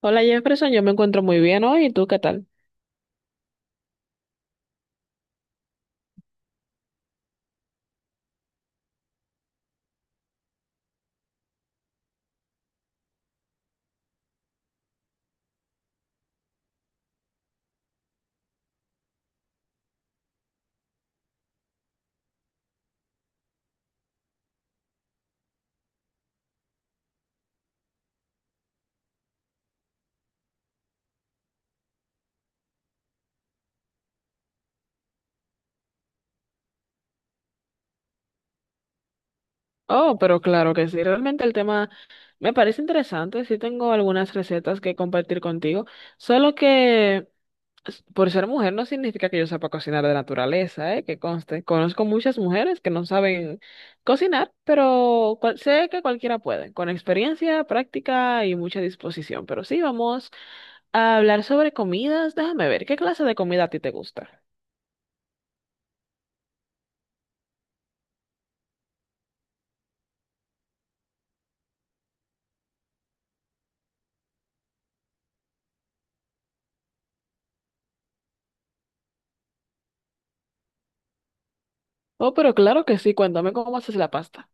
Hola Jefferson, yo me encuentro muy bien hoy, ¿y tú qué tal? Oh, pero claro que sí, realmente el tema me parece interesante, sí tengo algunas recetas que compartir contigo, solo que por ser mujer no significa que yo sepa cocinar de naturaleza, ¿eh? Que conste, conozco muchas mujeres que no saben cocinar, pero sé que cualquiera puede, con experiencia, práctica y mucha disposición, pero sí, vamos a hablar sobre comidas, déjame ver, ¿qué clase de comida a ti te gusta? Oh, pero claro que sí, cuéntame cómo haces la pasta.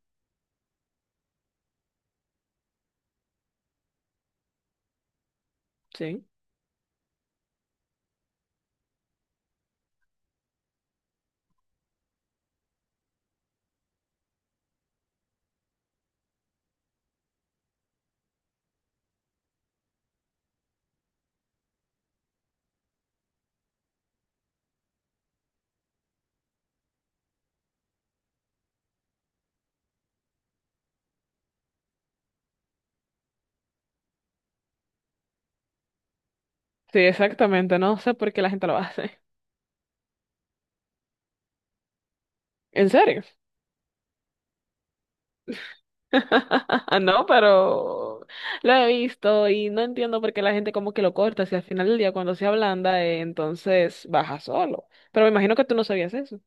Sí. Sí, exactamente. No sé por qué la gente lo hace. ¿En serio? No, pero lo he visto y no entiendo por qué la gente como que lo corta. Si al final del día cuando se ablanda, entonces baja solo. Pero me imagino que tú no sabías eso.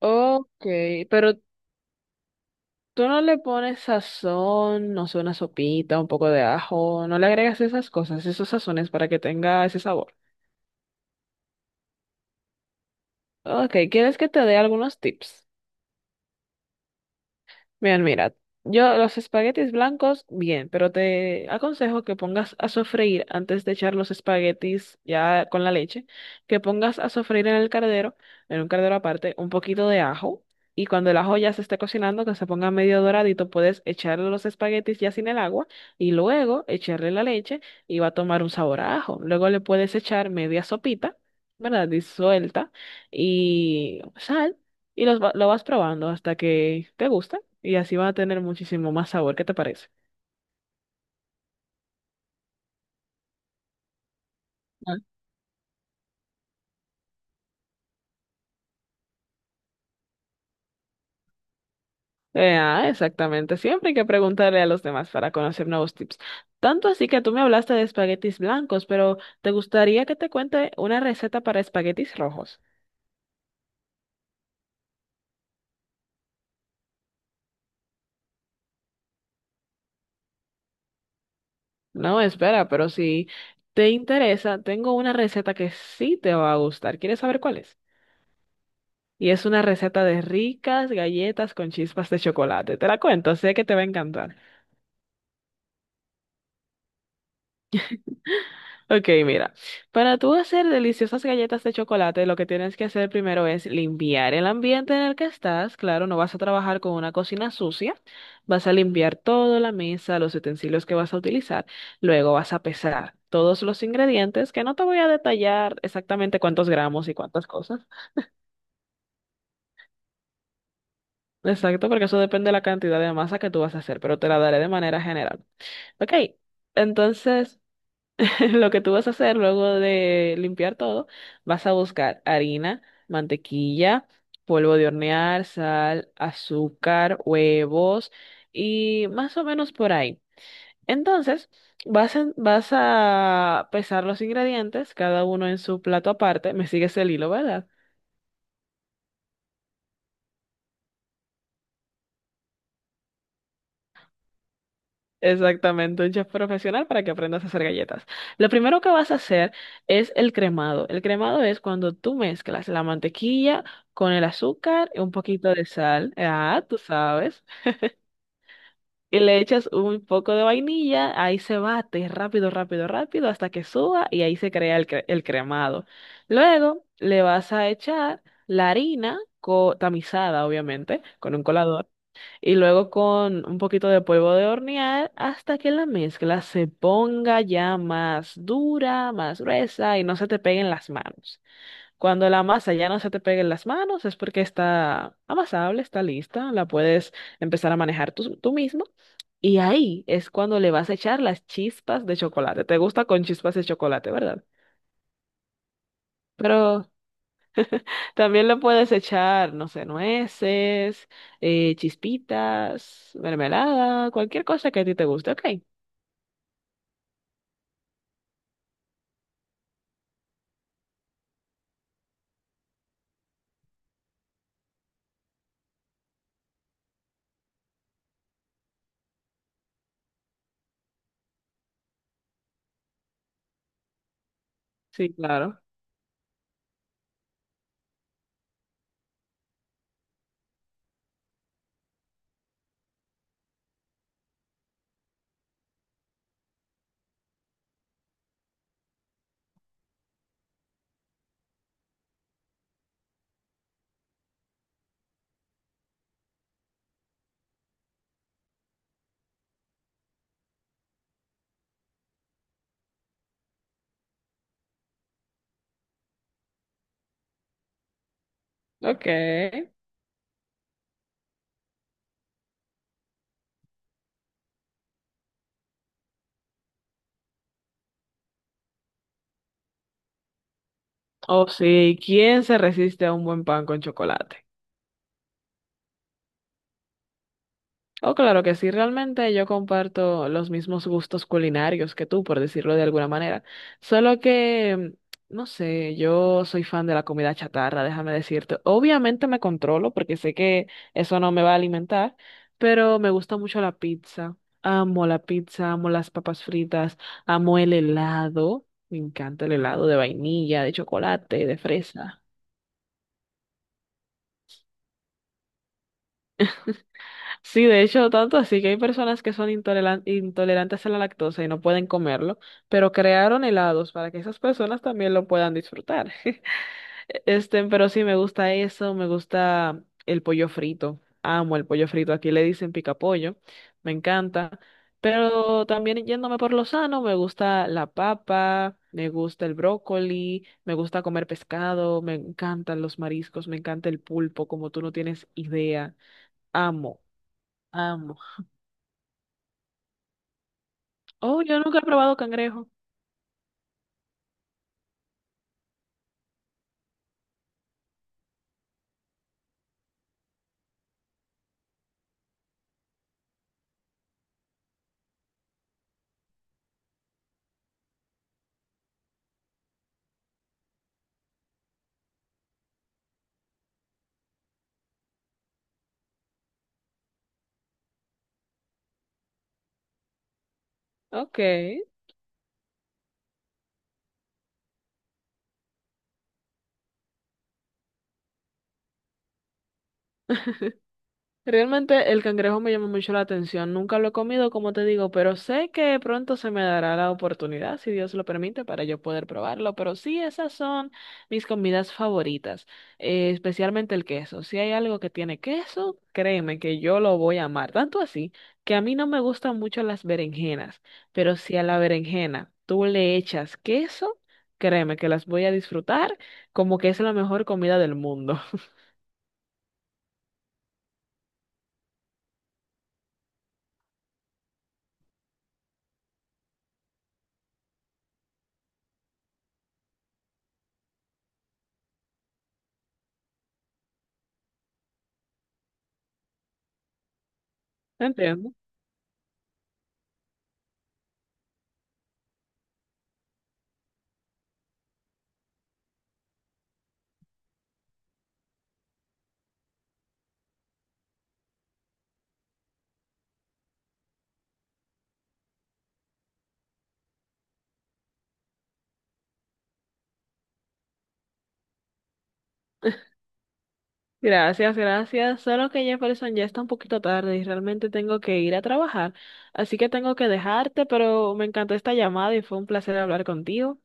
Ok, pero tú no le pones sazón, no sé, una sopita, un poco de ajo, no le agregas esas cosas, esos sazones para que tenga ese sabor. Ok, ¿quieres que te dé algunos tips? Bien, mira, yo los espaguetis blancos, bien, pero te aconsejo que pongas a sofreír antes de echar los espaguetis ya con la leche, que pongas a sofreír en el cardero, en un cardero aparte, un poquito de ajo y cuando el ajo ya se esté cocinando, que se ponga medio doradito, puedes echarle los espaguetis ya sin el agua y luego echarle la leche y va a tomar un sabor a ajo. Luego le puedes echar media sopita, ¿verdad? Disuelta y sal y lo vas probando hasta que te guste y así va a tener muchísimo más sabor. ¿Qué te parece? Ah, exactamente. Siempre hay que preguntarle a los demás para conocer nuevos tips. Tanto así que tú me hablaste de espaguetis blancos, pero ¿te gustaría que te cuente una receta para espaguetis rojos? No, espera, pero si te interesa, tengo una receta que sí te va a gustar. ¿Quieres saber cuál es? Y es una receta de ricas galletas con chispas de chocolate. Te la cuento, sé que te va a encantar. Ok, mira, para tú hacer deliciosas galletas de chocolate, lo que tienes que hacer primero es limpiar el ambiente en el que estás. Claro, no vas a trabajar con una cocina sucia. Vas a limpiar toda la mesa, los utensilios que vas a utilizar. Luego vas a pesar todos los ingredientes, que no te voy a detallar exactamente cuántos gramos y cuántas cosas. Exacto, porque eso depende de la cantidad de masa que tú vas a hacer, pero te la daré de manera general. Ok, entonces... Lo que tú vas a hacer luego de limpiar todo, vas a buscar harina, mantequilla, polvo de hornear, sal, azúcar, huevos y más o menos por ahí. Entonces, vas a pesar los ingredientes, cada uno en su plato aparte. Me sigues el hilo, ¿verdad? Exactamente, un chef profesional para que aprendas a hacer galletas. Lo primero que vas a hacer es el cremado. El cremado es cuando tú mezclas la mantequilla con el azúcar y un poquito de sal, ah, tú sabes, y le echas un poco de vainilla, ahí se bate rápido, rápido, rápido hasta que suba y ahí se crea el cremado. Luego le vas a echar la harina tamizada, obviamente, con un colador y luego con un poquito de polvo de hornear hasta que la mezcla se ponga ya más dura, más gruesa y no se te peguen las manos. Cuando la masa ya no se te pegue en las manos es porque está amasable, está lista, la puedes empezar a manejar tú, tú mismo. Y ahí es cuando le vas a echar las chispas de chocolate. Te gusta con chispas de chocolate, ¿verdad? Pero también le puedes echar, no sé, nueces, chispitas, mermelada, cualquier cosa que a ti te guste. Ok, sí, claro. Ok. O sí, ¿quién se resiste a un buen pan con chocolate? Oh, claro que sí, realmente yo comparto los mismos gustos culinarios que tú, por decirlo de alguna manera. Solo que, no sé, yo soy fan de la comida chatarra, déjame decirte. Obviamente me controlo porque sé que eso no me va a alimentar, pero me gusta mucho la pizza. Amo la pizza, amo las papas fritas, amo el helado. Me encanta el helado de vainilla, de chocolate, de fresa. Sí, de hecho, tanto así que hay personas que son intolerantes a la lactosa y no pueden comerlo, pero crearon helados para que esas personas también lo puedan disfrutar. Este, pero sí, me gusta eso, me gusta el pollo frito. Amo el pollo frito. Aquí le dicen picapollo, me encanta. Pero también yéndome por lo sano, me gusta la papa, me gusta el brócoli, me gusta comer pescado, me encantan los mariscos, me encanta el pulpo, como tú no tienes idea. Amo. Amo. Oh, yo nunca he probado cangrejo. Ok. Realmente el cangrejo me llama mucho la atención. Nunca lo he comido, como te digo, pero sé que pronto se me dará la oportunidad, si Dios lo permite, para yo poder probarlo. Pero sí, esas son mis comidas favoritas, especialmente el queso. Si hay algo que tiene queso, créeme que yo lo voy a amar. Tanto así que a mí no me gustan mucho las berenjenas, pero si a la berenjena tú le echas queso, créeme que las voy a disfrutar como que es la mejor comida del mundo. Entiendo. Gracias, gracias. Solo que Jefferson ya está un poquito tarde y realmente tengo que ir a trabajar. Así que tengo que dejarte, pero me encantó esta llamada y fue un placer hablar contigo.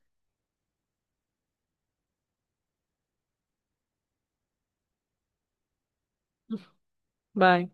Bye.